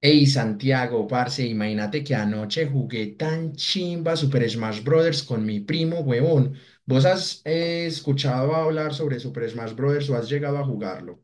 Ey, Santiago, parce, imagínate que anoche jugué tan chimba Super Smash Brothers con mi primo, huevón. ¿Vos has escuchado hablar sobre Super Smash Brothers o has llegado a jugarlo?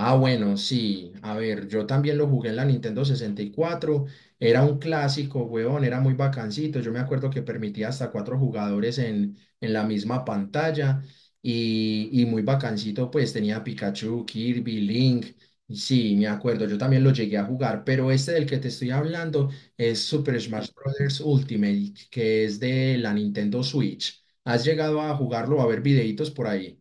Ah, bueno, sí. A ver, yo también lo jugué en la Nintendo 64. Era un clásico, weón, era muy bacancito. Yo me acuerdo que permitía hasta cuatro jugadores en la misma pantalla y muy bacancito, pues tenía Pikachu, Kirby, Link. Y sí, me acuerdo, yo también lo llegué a jugar, pero este del que te estoy hablando es Super Smash Bros. Ultimate, que es de la Nintendo Switch. ¿Has llegado a jugarlo, a ver videitos por ahí?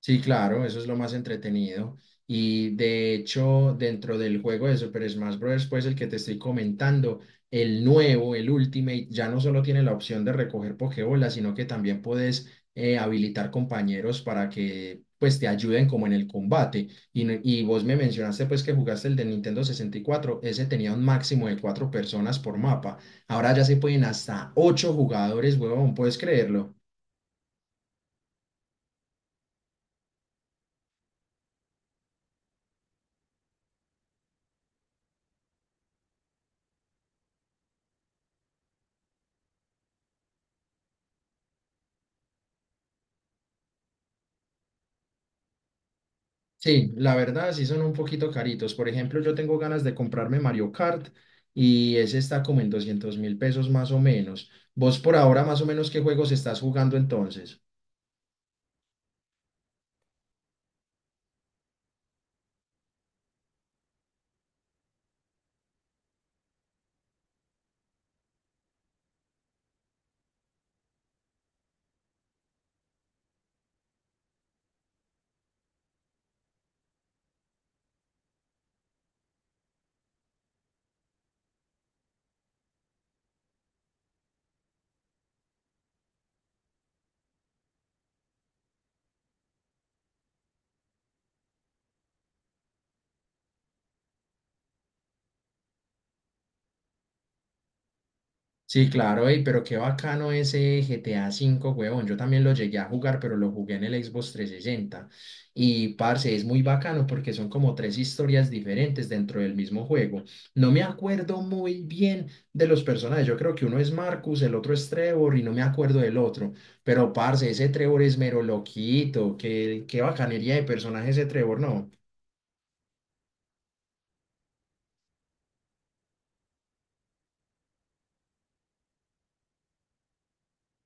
Sí, claro, eso es lo más entretenido. Y de hecho, dentro del juego de Super Smash Bros., pues el que te estoy comentando, el nuevo, el Ultimate, ya no solo tiene la opción de recoger Pokébolas, sino que también puedes habilitar compañeros para que pues te ayuden como en el combate. Y, no- y vos me mencionaste pues que jugaste el de Nintendo 64, ese tenía un máximo de cuatro personas por mapa. Ahora ya se pueden hasta ocho jugadores, huevón, ¿puedes creerlo? Sí, la verdad sí son un poquito caritos. Por ejemplo, yo tengo ganas de comprarme Mario Kart y ese está como en 200.000 pesos más o menos. Vos por ahora más o menos qué juegos estás jugando entonces. Sí, claro, ey, pero qué bacano ese GTA V, huevón. Yo también lo llegué a jugar, pero lo jugué en el Xbox 360. Y, parce, es muy bacano porque son como tres historias diferentes dentro del mismo juego. No me acuerdo muy bien de los personajes. Yo creo que uno es Marcus, el otro es Trevor y no me acuerdo del otro. Pero, parce, ese Trevor es mero loquito. Qué bacanería de personaje ese Trevor, ¿no?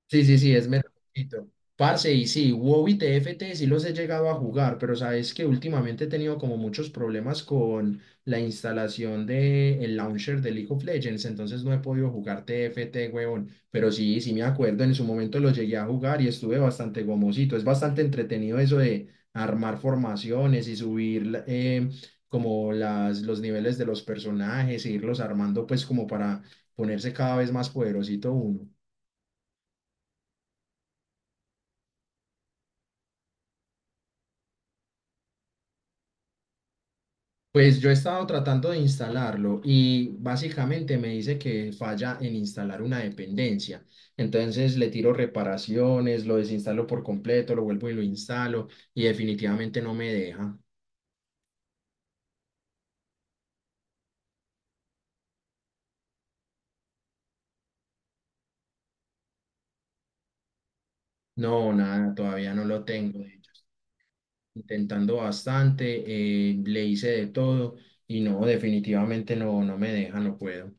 Sí, sí, sí, es metalcito. Parce, y sí, WoW y T F T sí los he llegado a jugar, pero sabes que últimamente he tenido como muchos problemas con la instalación del launcher de League of Legends, entonces no he podido jugar T F T, huevón. Pero sí, sí me acuerdo, en su momento lo llegué a jugar y estuve bastante gomosito. Es bastante entretenido eso de armar formaciones y subir como los niveles de los personajes e irlos armando pues como para ponerse cada vez más poderosito uno. Pues yo he estado tratando de instalarlo y básicamente me dice que falla en instalar una dependencia. Entonces le tiro reparaciones, lo desinstalo por completo, lo vuelvo y lo instalo y definitivamente no me deja. No, nada, todavía no lo tengo, de hecho. Intentando bastante, le hice de todo y no, definitivamente no, no me deja, no puedo.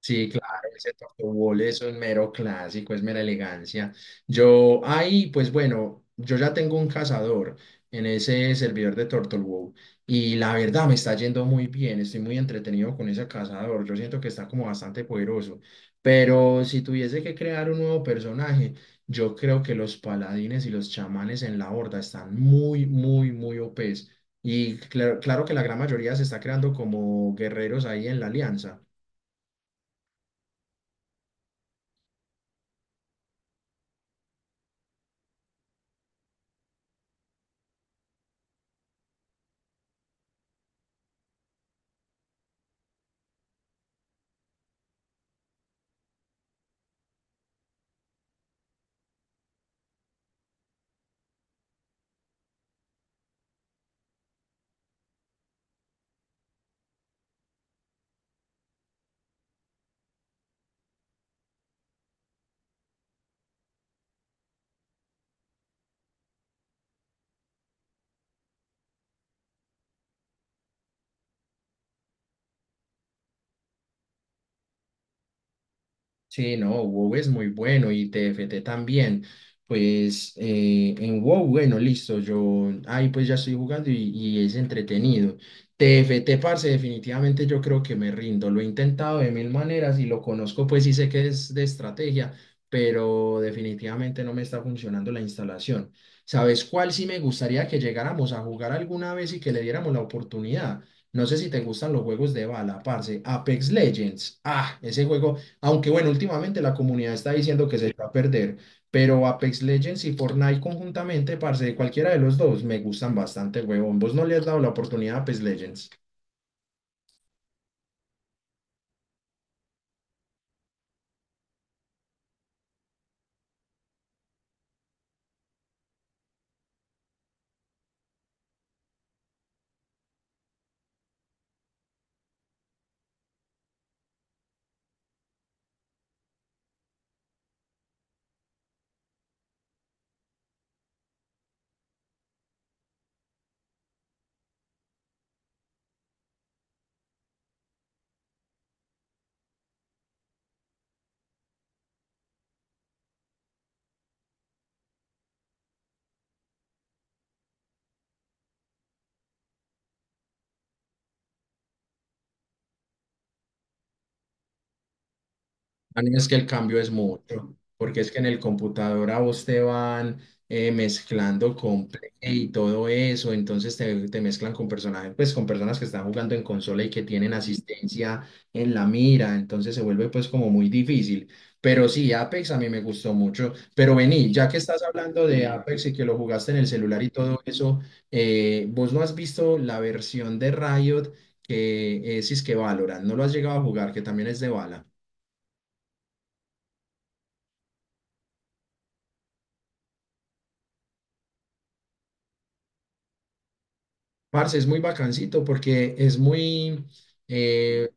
Sí, claro, ese tocobol es un mero clásico, es mera elegancia. Yo ahí, pues bueno, yo ya tengo un cazador en ese servidor de TurtleWow y la verdad me está yendo muy bien, estoy muy entretenido con ese cazador, yo siento que está como bastante poderoso, pero si tuviese que crear un nuevo personaje, yo creo que los paladines y los chamanes en la horda están muy, muy, muy OPs, y claro, claro que la gran mayoría se está creando como guerreros ahí en la alianza. Sí, no, WoW es muy bueno y TFT también. Pues en WoW, bueno, listo, yo ahí pues ya estoy jugando y, es entretenido. TFT, parce, definitivamente yo creo que me rindo. Lo he intentado de mil maneras y lo conozco, pues sí sé que es de estrategia, pero definitivamente no me está funcionando la instalación. ¿Sabes cuál sí me gustaría que llegáramos a jugar alguna vez y que le diéramos la oportunidad? No sé si te gustan los juegos de bala, parce. Apex Legends. Ah, ese juego. Aunque bueno, últimamente la comunidad está diciendo que se va a perder, pero Apex Legends y Fortnite conjuntamente, parce, cualquiera de los dos, me gustan bastante, huevón. ¿Vos no le has dado la oportunidad a Apex Legends? Dani, es que el cambio es mucho, porque es que en el computador a vos te van mezclando con Play y todo eso, entonces te mezclan con personajes, pues con personas que están jugando en consola y que tienen asistencia en la mira, entonces se vuelve pues como muy difícil. Pero sí, Apex a mí me gustó mucho. Pero vení, ya que estás hablando de Apex y que lo jugaste en el celular y todo eso, vos no has visto la versión de Riot que es que Valorant, no lo has llegado a jugar, que también es de bala. Parce, es muy bacancito porque es muy, eh,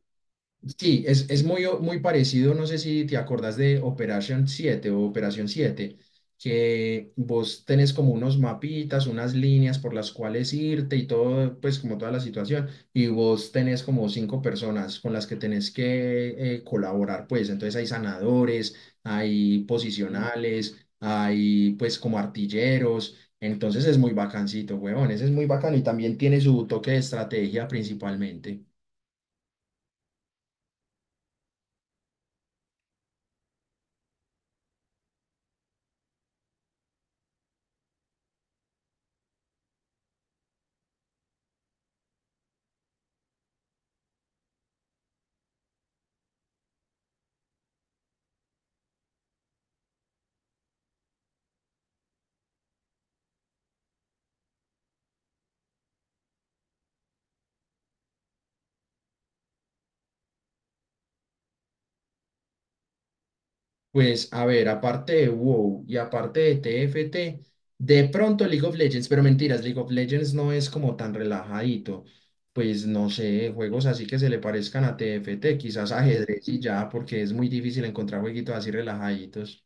sí, es muy parecido, no sé si te acordás de Operation siete o Operación siete, que vos tenés como unos mapitas, unas líneas por las cuales irte y todo, pues como toda la situación, y vos tenés como cinco personas con las que tenés que colaborar, pues entonces hay sanadores, hay posicionales, hay pues como artilleros, entonces es muy bacancito, huevón, ese es muy bacano y también tiene su toque de estrategia principalmente. Pues a ver, aparte de WoW y aparte de T F T, de pronto League of Legends, pero mentiras, League of Legends no es como tan relajadito. Pues no sé, juegos así que se le parezcan a T F T quizás ajedrez y ya, porque es muy difícil encontrar jueguitos así relajaditos.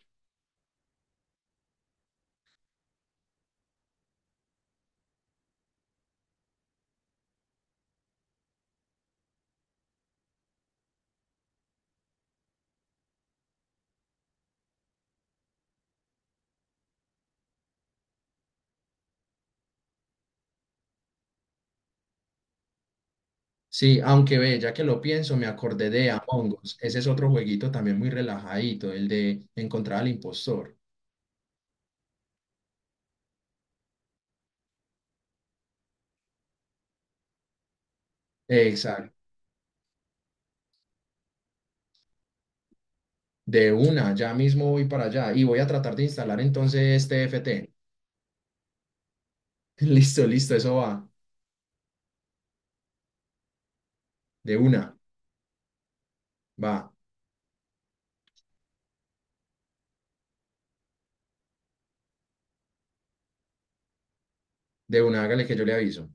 Sí, aunque ve, ya que lo pienso, me acordé de Among Us. Ese es otro jueguito también muy relajadito, el de encontrar al impostor. Exacto. De una, ya mismo voy para allá y voy a tratar de instalar entonces T F T. Listo, listo, eso va. De una, va. De una, hágale que yo le aviso.